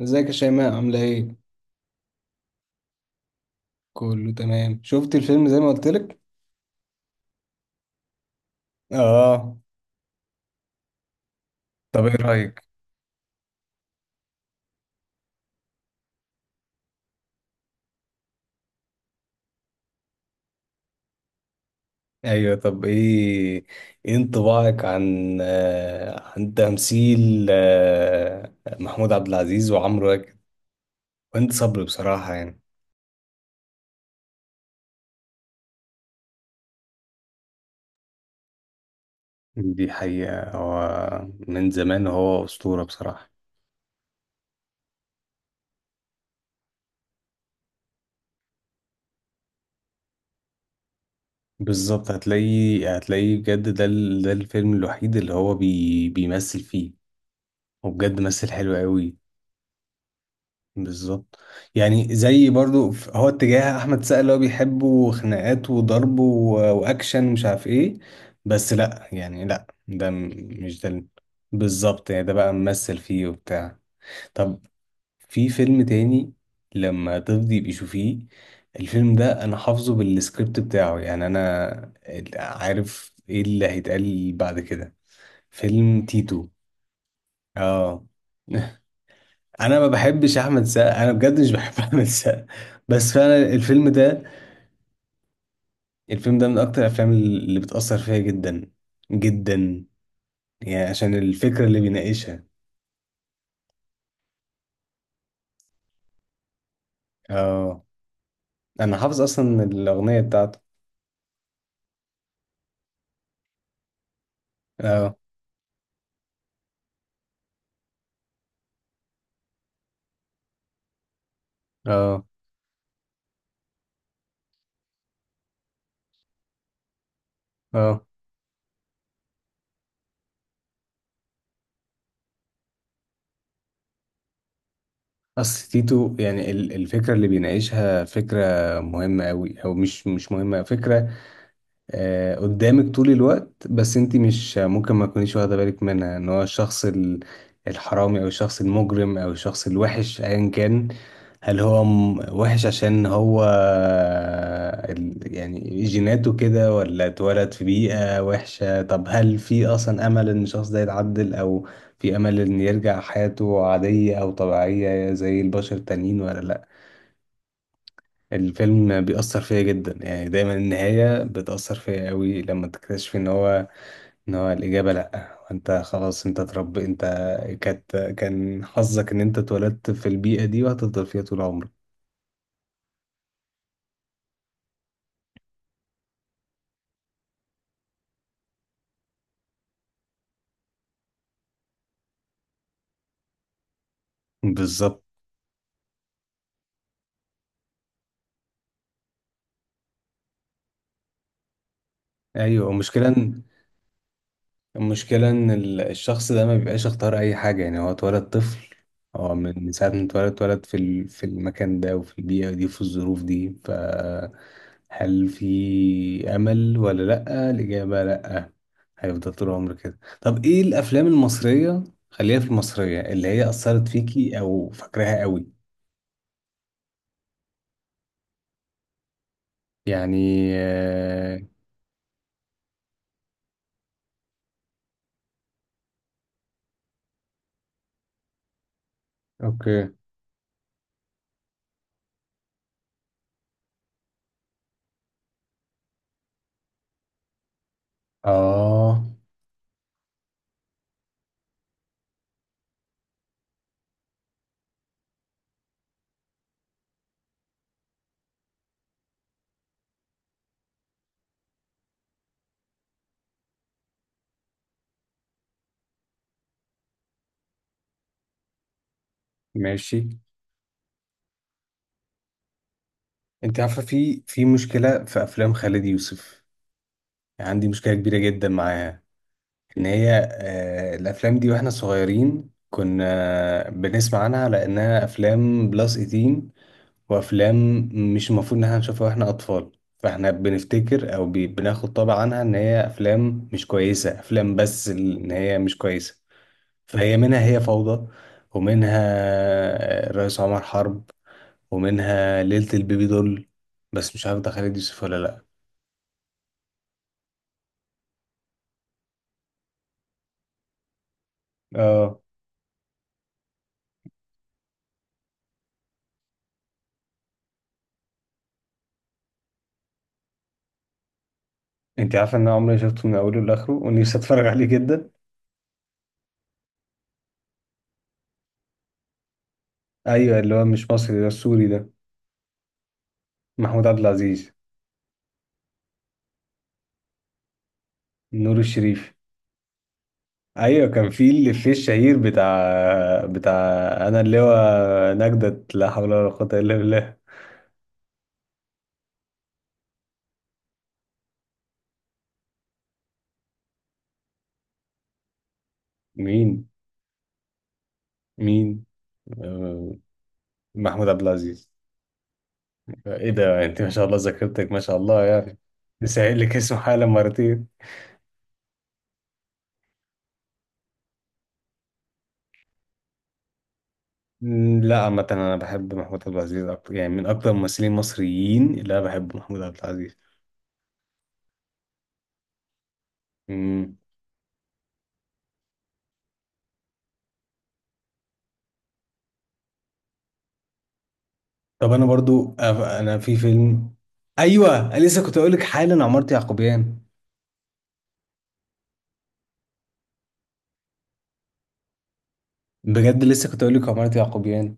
ازيك يا شيماء عاملة ايه؟ كله تمام. شفت الفيلم زي ما قلت لك؟ اه. طب ايه رأيك؟ ايوه. طب ايه انطباعك عن عن تمثيل محمود عبد العزيز وعمرو واكد وانت صبري بصراحة يعني. دي حقيقة. هو من زمان هو أسطورة بصراحة. بالظبط. هتلاقيه بجد ده الفيلم الوحيد اللي هو بيمثل فيه. وبجد مثل حلو قوي. بالظبط. يعني زي برضو هو اتجاه احمد سقا اللي هو بيحبه خناقات وضرب واكشن ومش عارف ايه. بس لا، يعني لا، مش ده ال- بالظبط، يعني ده بقى ممثل فيه وبتاع. طب في فيلم تاني لما تفضي بيشوفيه؟ الفيلم ده انا حافظه بالسكريبت بتاعه، يعني انا عارف ايه اللي هيتقال بعد كده. فيلم تيتو. اه. انا ما بحبش احمد السقا. انا بجد مش بحب احمد السقا. بس فعلا الفيلم ده من اكتر الافلام اللي بتاثر فيا جدا جدا. يعني عشان الفكره اللي بيناقشها. اه. انا حافظ اصلا الاغنيه بتاعته. اه. اه. اه. اصل تيتو، يعني الفكره اللي بيناقشها فكره مهمه قوي، او مش مهمه، فكره قدامك طول الوقت، بس انت مش ممكن ما تكونيش واخده بالك منها. ان هو الشخص الحرامي او الشخص المجرم او الشخص الوحش ايا كان، هل هو وحش عشان هو يعني جيناته كده، ولا اتولد في بيئة وحشة؟ طب هل في اصلا امل ان الشخص ده يتعدل، او في امل ان يرجع حياته عادية او طبيعية زي البشر التانيين ولا لا؟ الفيلم بيأثر فيا جدا، يعني دايما النهاية بتأثر فيا قوي لما تكتشف ان هو الإجابة لأ. وانت خلاص، انت اترب، انت كان حظك ان انت اتولدت في البيئة دي، وهتفضل فيها طول عمرك. بالظبط. ايوه، المشكلة إن الشخص ده ما بيبقاش اختار أي حاجة. يعني هو اتولد طفل. هو من ساعة ما اتولد في في المكان ده وفي البيئة دي وفي الظروف دي، هل في أمل ولا لأ؟ الإجابة لأ. هيفضل طول عمره كده. طب إيه الأفلام المصرية، خليها في المصرية، اللي هي أثرت فيكي أو فاكراها قوي؟ يعني أوكي. آه. ماشي. أنت عارفة في مشكلة في أفلام خالد يوسف. يعني عندي مشكلة كبيرة جدا معاها. إن هي الأفلام دي وإحنا صغيرين كنا بنسمع عنها لأنها أفلام بلس 18، وأفلام مش المفروض إن إحنا نشوفها وإحنا أطفال. فإحنا بنفتكر أو بناخد طبع عنها إن هي أفلام مش كويسة. أفلام بس إن هي مش كويسة. فهي منها هي فوضى، ومنها الرئيس عمر حرب، ومنها ليلة البيبي دول، بس مش عارف ده خالد يوسف ولا لأ. انت عارفه ان انا عمري ما شفته من اوله لاخره، ونفسي اتفرج عليه جدا. ايوه، اللي هو مش مصري ده، السوري ده. محمود عبد العزيز. نور الشريف. ايوه كان في الافيه الشهير بتاع. انا اللي هو نجدة لا حول ولا قوه الا بالله. مين؟ مين؟ آه، محمود عبد العزيز. ايه ده؟ انت ما شاء الله، ذاكرتك ما شاء الله يعني. سائل لك اسمه حالا مرتين. لا، عامة أنا بحب محمود عبد العزيز أكتر، يعني من أكتر الممثلين المصريين اللي أنا بحبه محمود عبد العزيز. مم. طب انا برضو انا في فيلم. ايوه، أنا لسه كنت اقول لك حالا عمارة يعقوبيان. بجد لسه كنت اقول لك عمارة يعقوبيان.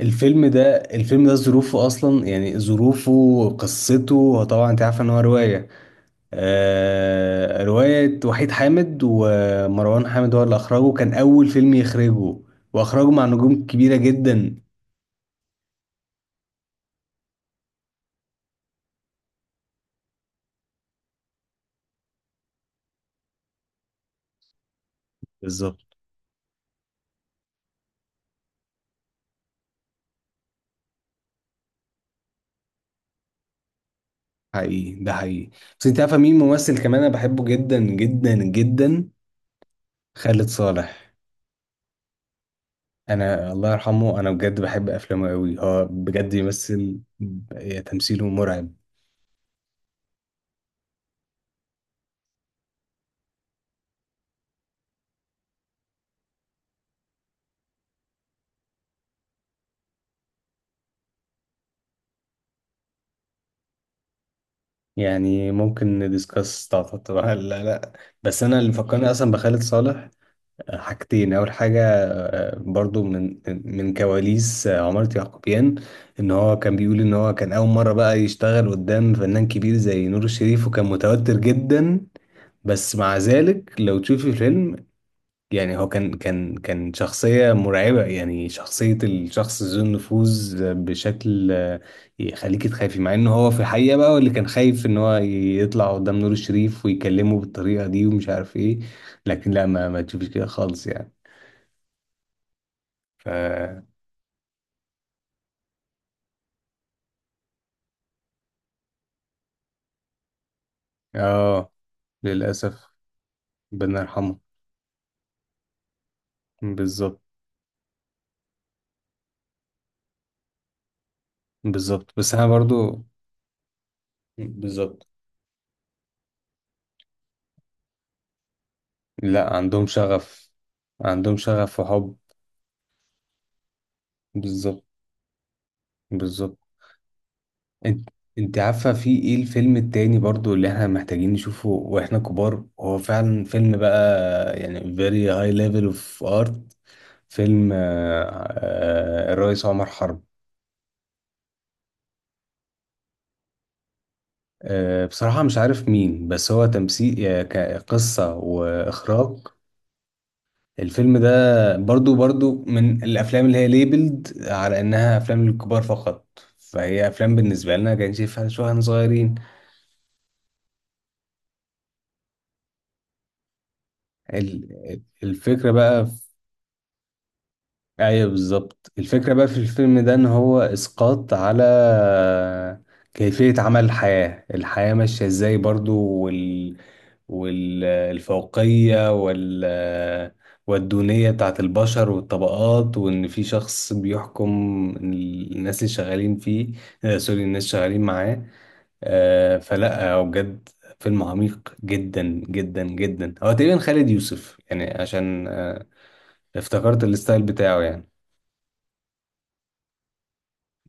الفيلم ده ظروفه اصلا، يعني ظروفه، قصته. هو طبعا انت عارفه ان هو روايه. روايه وحيد حامد، ومروان حامد هو اللي اخرجه، كان اول فيلم يخرجه، واخرجه مع نجوم كبيره جدا. بالظبط. حقيقي، ده حقيقي. بس انت عارفه مين ممثل كمان انا بحبه جدا جدا جدا؟ خالد صالح. انا الله يرحمه، انا بجد بحب افلامه قوي. هو بجد يمثل. تمثيله مرعب. يعني ممكن ندiscuss. طبعا طبعا لا لا. بس انا اللي فكرني اصلا بخالد صالح حاجتين. اول حاجه برضو من كواليس عمارة يعقوبيان. ان هو كان بيقول ان هو كان اول مره بقى يشتغل قدام فنان كبير زي نور الشريف، وكان متوتر جدا. بس مع ذلك لو تشوفي الفيلم، يعني هو كان شخصية مرعبة. يعني شخصية الشخص ذو النفوذ بشكل يخليك تخافي، مع ان هو في الحقيقة بقى هو اللي كان خايف ان هو يطلع قدام نور الشريف ويكلمه بالطريقة دي ومش عارف ايه. لكن لا، ما تشوفش كده خالص يعني. ف اه. للأسف. ربنا يرحمه. بالظبط. بالظبط. بس انا برضو. بالظبط. لا، عندهم شغف. عندهم شغف وحب. بالظبط. بالظبط. انت انت عارفه في ايه الفيلم التاني برضو اللي احنا محتاجين نشوفه واحنا كبار؟ هو فعلا فيلم بقى، يعني very high level of art. فيلم الرئيس عمر حرب. بصراحه مش عارف مين، بس هو تمثيل كقصه واخراج. الفيلم ده برضو من الافلام اللي هي ليبلد على انها افلام للكبار فقط، فهي افلام بالنسبه لنا كان شايفها شو احنا صغيرين. الفكرة بقى. ايوه، بالظبط. الفكرة بقى في الفيلم ده ان هو اسقاط على كيفية عمل الحياة. الحياة ماشية ازاي برضو، والفوقية والدونية بتاعت البشر والطبقات، وان في شخص بيحكم الناس اللي شغالين فيه، سوري، الناس شغالين معاه. فلا هو بجد فيلم عميق جدا جدا جدا. هو تقريبا خالد يوسف، يعني عشان افتكرت الستايل بتاعه يعني.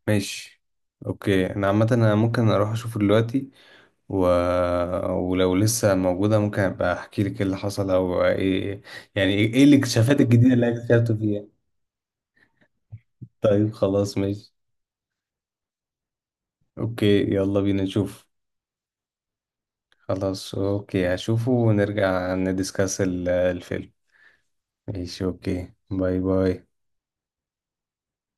ماشي. اوكي، انا عامه انا ممكن اروح اشوفه دلوقتي، و... ولو لسه موجوده ممكن ابقى احكي لك ايه اللي حصل، او ايه يعني ايه الاكتشافات الجديده اللي اكتشفته فيها. طيب خلاص، ماشي. اوكي، يلا بينا نشوف. خلاص، اوكي، هشوفه ونرجع ندiscuss الفيلم. ماشي. اوكي، باي باي.